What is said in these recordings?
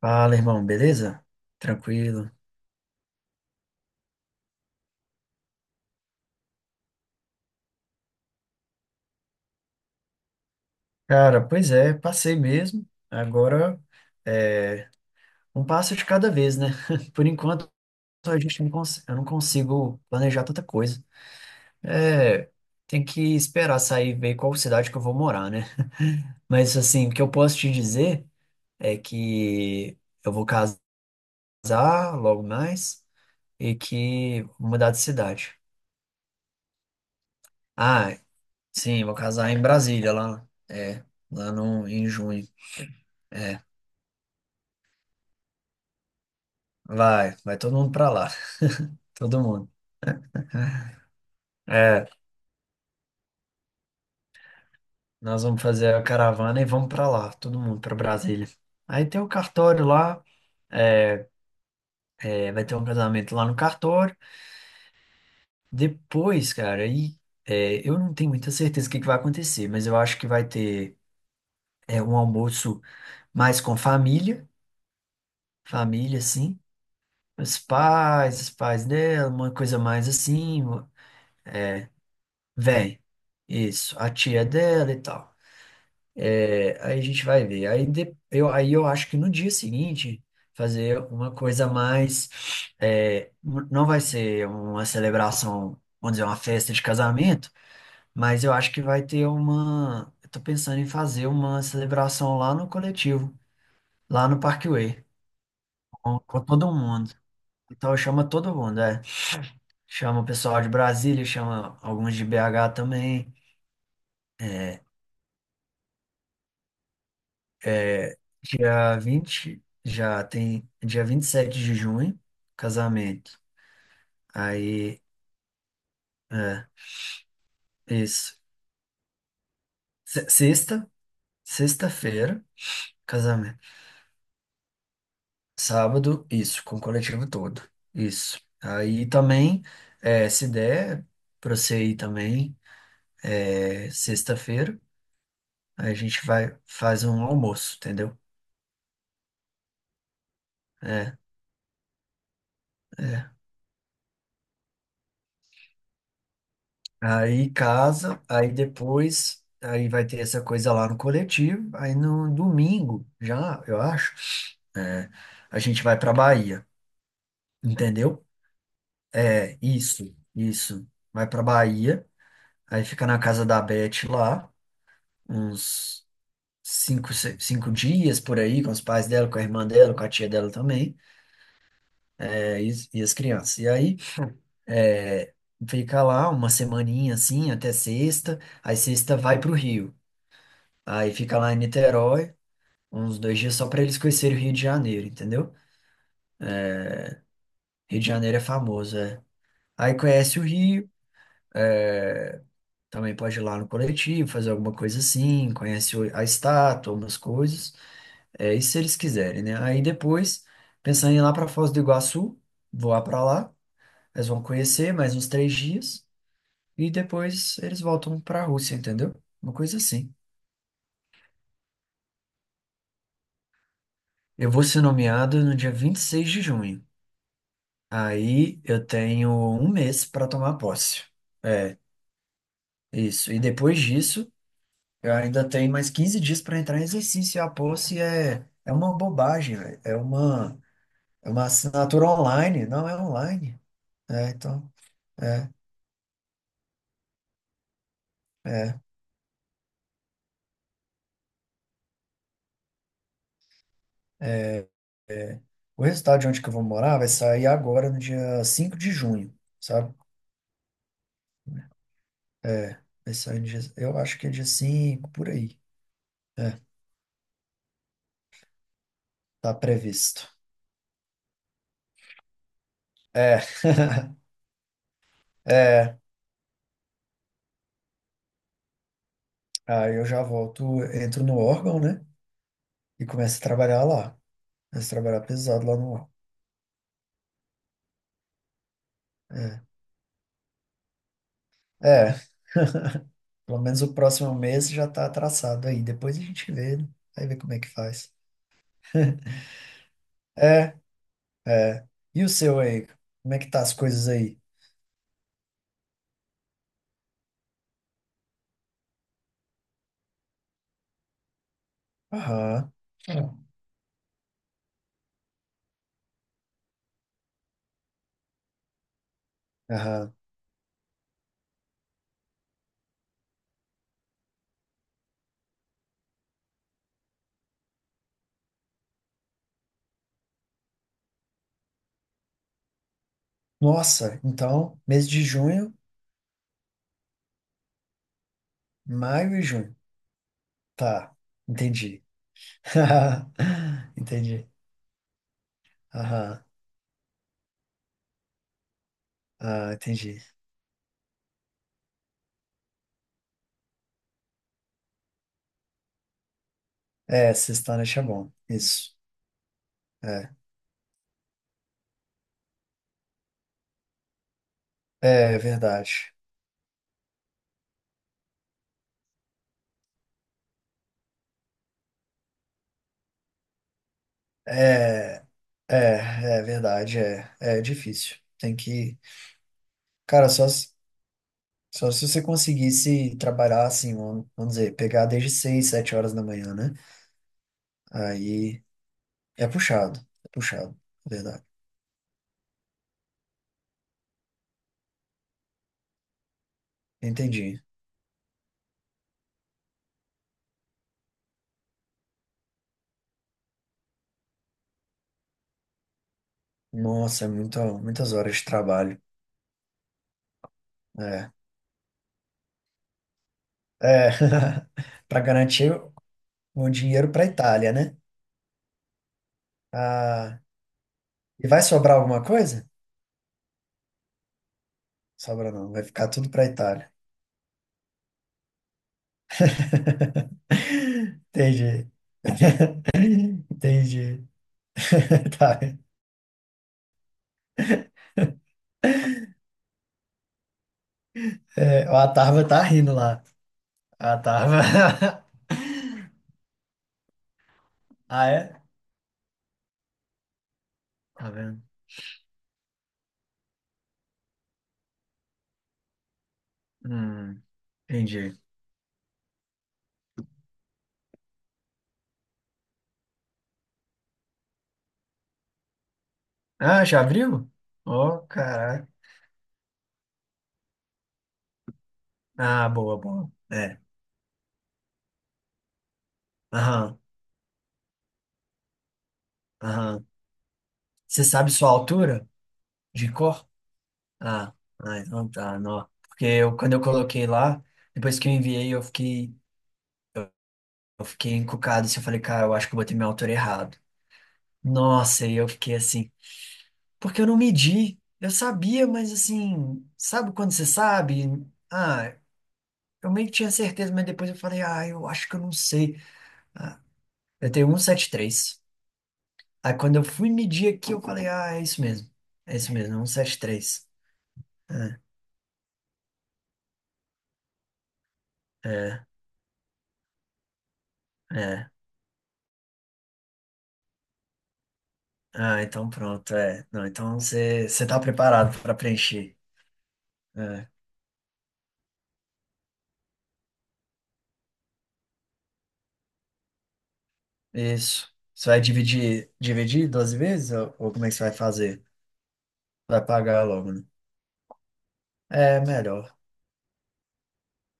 Fala, irmão, beleza? Tranquilo. Cara, pois é, passei mesmo. Agora é um passo de cada vez, né? Por enquanto, a gente não cons- eu não consigo planejar tanta coisa. É, tem que esperar sair e ver qual cidade que eu vou morar, né? Mas assim, o que eu posso te dizer é que eu vou casar logo mais e que vou mudar de cidade. Ah, sim, vou casar em Brasília, lá, é, lá no, em junho. É, vai, vai todo mundo pra lá. Todo mundo. É, nós vamos fazer a caravana e vamos pra lá, todo mundo pra Brasília. Aí tem o cartório lá, é, vai ter um casamento lá no cartório. Depois, cara, eu não tenho muita certeza do que vai acontecer, mas eu acho que vai ter um almoço mais com família assim, os pais dela, uma coisa mais assim, véi, isso, a tia dela e tal. É, aí a gente vai ver. Aí, eu acho que no dia seguinte, fazer uma coisa mais. Não vai ser uma celebração, vamos dizer, uma festa de casamento, mas eu acho que vai ter uma. Eu tô pensando em fazer uma celebração lá no coletivo, lá no Parkway, com todo mundo. Então chama todo mundo, é. Chama o pessoal de Brasília, chama alguns de BH também. É, Dia 20 já tem dia 27 de junho, casamento. Aí, é, isso. Se- Sexta, sexta-feira, casamento. Sábado, isso, com o coletivo todo. Isso. Aí também, se der pra você ir também, sexta-feira, aí a gente vai, faz um almoço, entendeu? É, aí casa, aí depois, aí vai ter essa coisa lá no coletivo. Aí no domingo, já, eu acho, é, a gente vai pra Bahia, entendeu? É, isso, isso. Vai pra Bahia, aí fica na casa da Beth lá, uns cinco, se- cinco dias por aí, com os pais dela, com a irmã dela, com a tia dela também, é, e, e as crianças. E aí, é, fica lá uma semaninha assim, até sexta, aí sexta vai pro Rio. Aí fica lá em Niterói, uns 2 dias só pra eles conhecerem o Rio de Janeiro, entendeu? Rio de Janeiro é famoso, é. Aí conhece o Rio, também pode ir lá no coletivo, fazer alguma coisa assim, conhece a estátua, umas coisas, é isso se eles quiserem, né? Aí depois, pensando em ir lá pra Foz do Iguaçu, voar pra lá, eles vão conhecer mais uns 3 dias e depois eles voltam pra Rússia, entendeu? Uma coisa assim. Eu vou ser nomeado no dia 26 de junho. Aí eu tenho um mês para tomar posse. Isso. E depois disso, eu ainda tenho mais 15 dias para entrar em exercício. E a Pulse é uma bobagem, velho. É uma assinatura online. Não é online. É, então, é, é, é. O resultado de onde que eu vou morar vai sair agora, no dia 5 de junho, sabe? É, vai sair no dia, eu acho que é dia 5 por aí. É, tá previsto. É, é. Aí eu já volto, entro no órgão, né? E começo a trabalhar lá. Começo a trabalhar pesado lá no órgão. É. É, pelo menos o próximo mês já está traçado aí. Depois a gente vê, né? Vai ver como é que faz. É, é. E o seu aí? Como é que tá as coisas aí? Aham. É. Aham. Nossa, então, mês de junho, maio e junho. Tá, entendi. Entendi. Aham, ah, entendi. É, sexta-noite é bom. Isso. É, é verdade. É, é, é verdade. É, é difícil. Tem que. Cara, só. Só se você conseguisse trabalhar assim, vamos dizer, pegar desde seis, sete horas da manhã, né? Aí é puxado, é puxado, é verdade. Entendi. Nossa, é muitas horas de trabalho. É. É. Para garantir o dinheiro para Itália, né? Ah, e vai sobrar alguma coisa? Sobra não, vai ficar tudo para Itália. Entendi, entendi. Tá. É, a Tarva tá rindo lá. A Tarva. Ah, é? Tá vendo? Hum, Entendi. Ah, já abriu? Oh, caraca. Ah, boa, boa. É. Aham, aham. Você sabe sua altura de cor? Ah, ah, então tá, não. Porque eu, quando eu coloquei lá, depois que eu enviei, eu fiquei encucado. Assim, eu falei, cara, eu acho que eu botei minha altura errado. Nossa, e eu fiquei assim, porque eu não medi. Eu sabia, mas assim, sabe quando você sabe? Ah, eu meio que tinha certeza, mas depois eu falei, ah, eu acho que eu não sei. Eu tenho 173. Aí quando eu fui medir aqui, eu falei, ah, é isso mesmo. É isso mesmo, é 173. É, é, é. Ah, então pronto, é. Não, então você tá preparado para preencher. É, isso. Você vai dividir 12 vezes ou como é que você vai fazer? Vai pagar logo, né? É, melhor.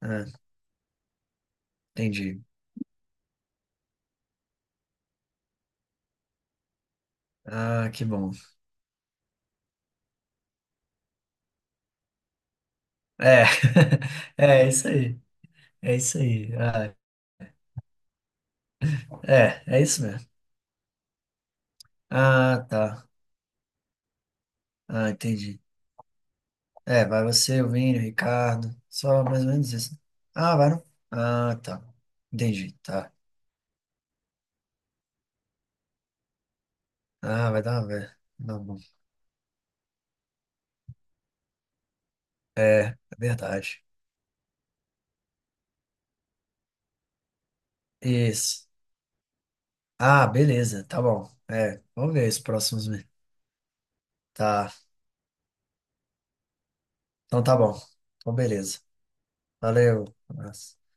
É, entendi. Ah, que bom. É, é isso aí. É isso aí. Ah, é isso mesmo. Ah, tá. Ah, entendi. É, vai você, o Vini, o Ricardo. Só mais ou menos isso. Ah, vai não? Ah, tá. Entendi, tá. Ah, vai dar uma ver. Não, bom. É, é verdade. Isso. Ah, beleza, tá bom. É, vamos ver os próximos. Tá. Então tá bom. Então beleza. Valeu. Um abraço.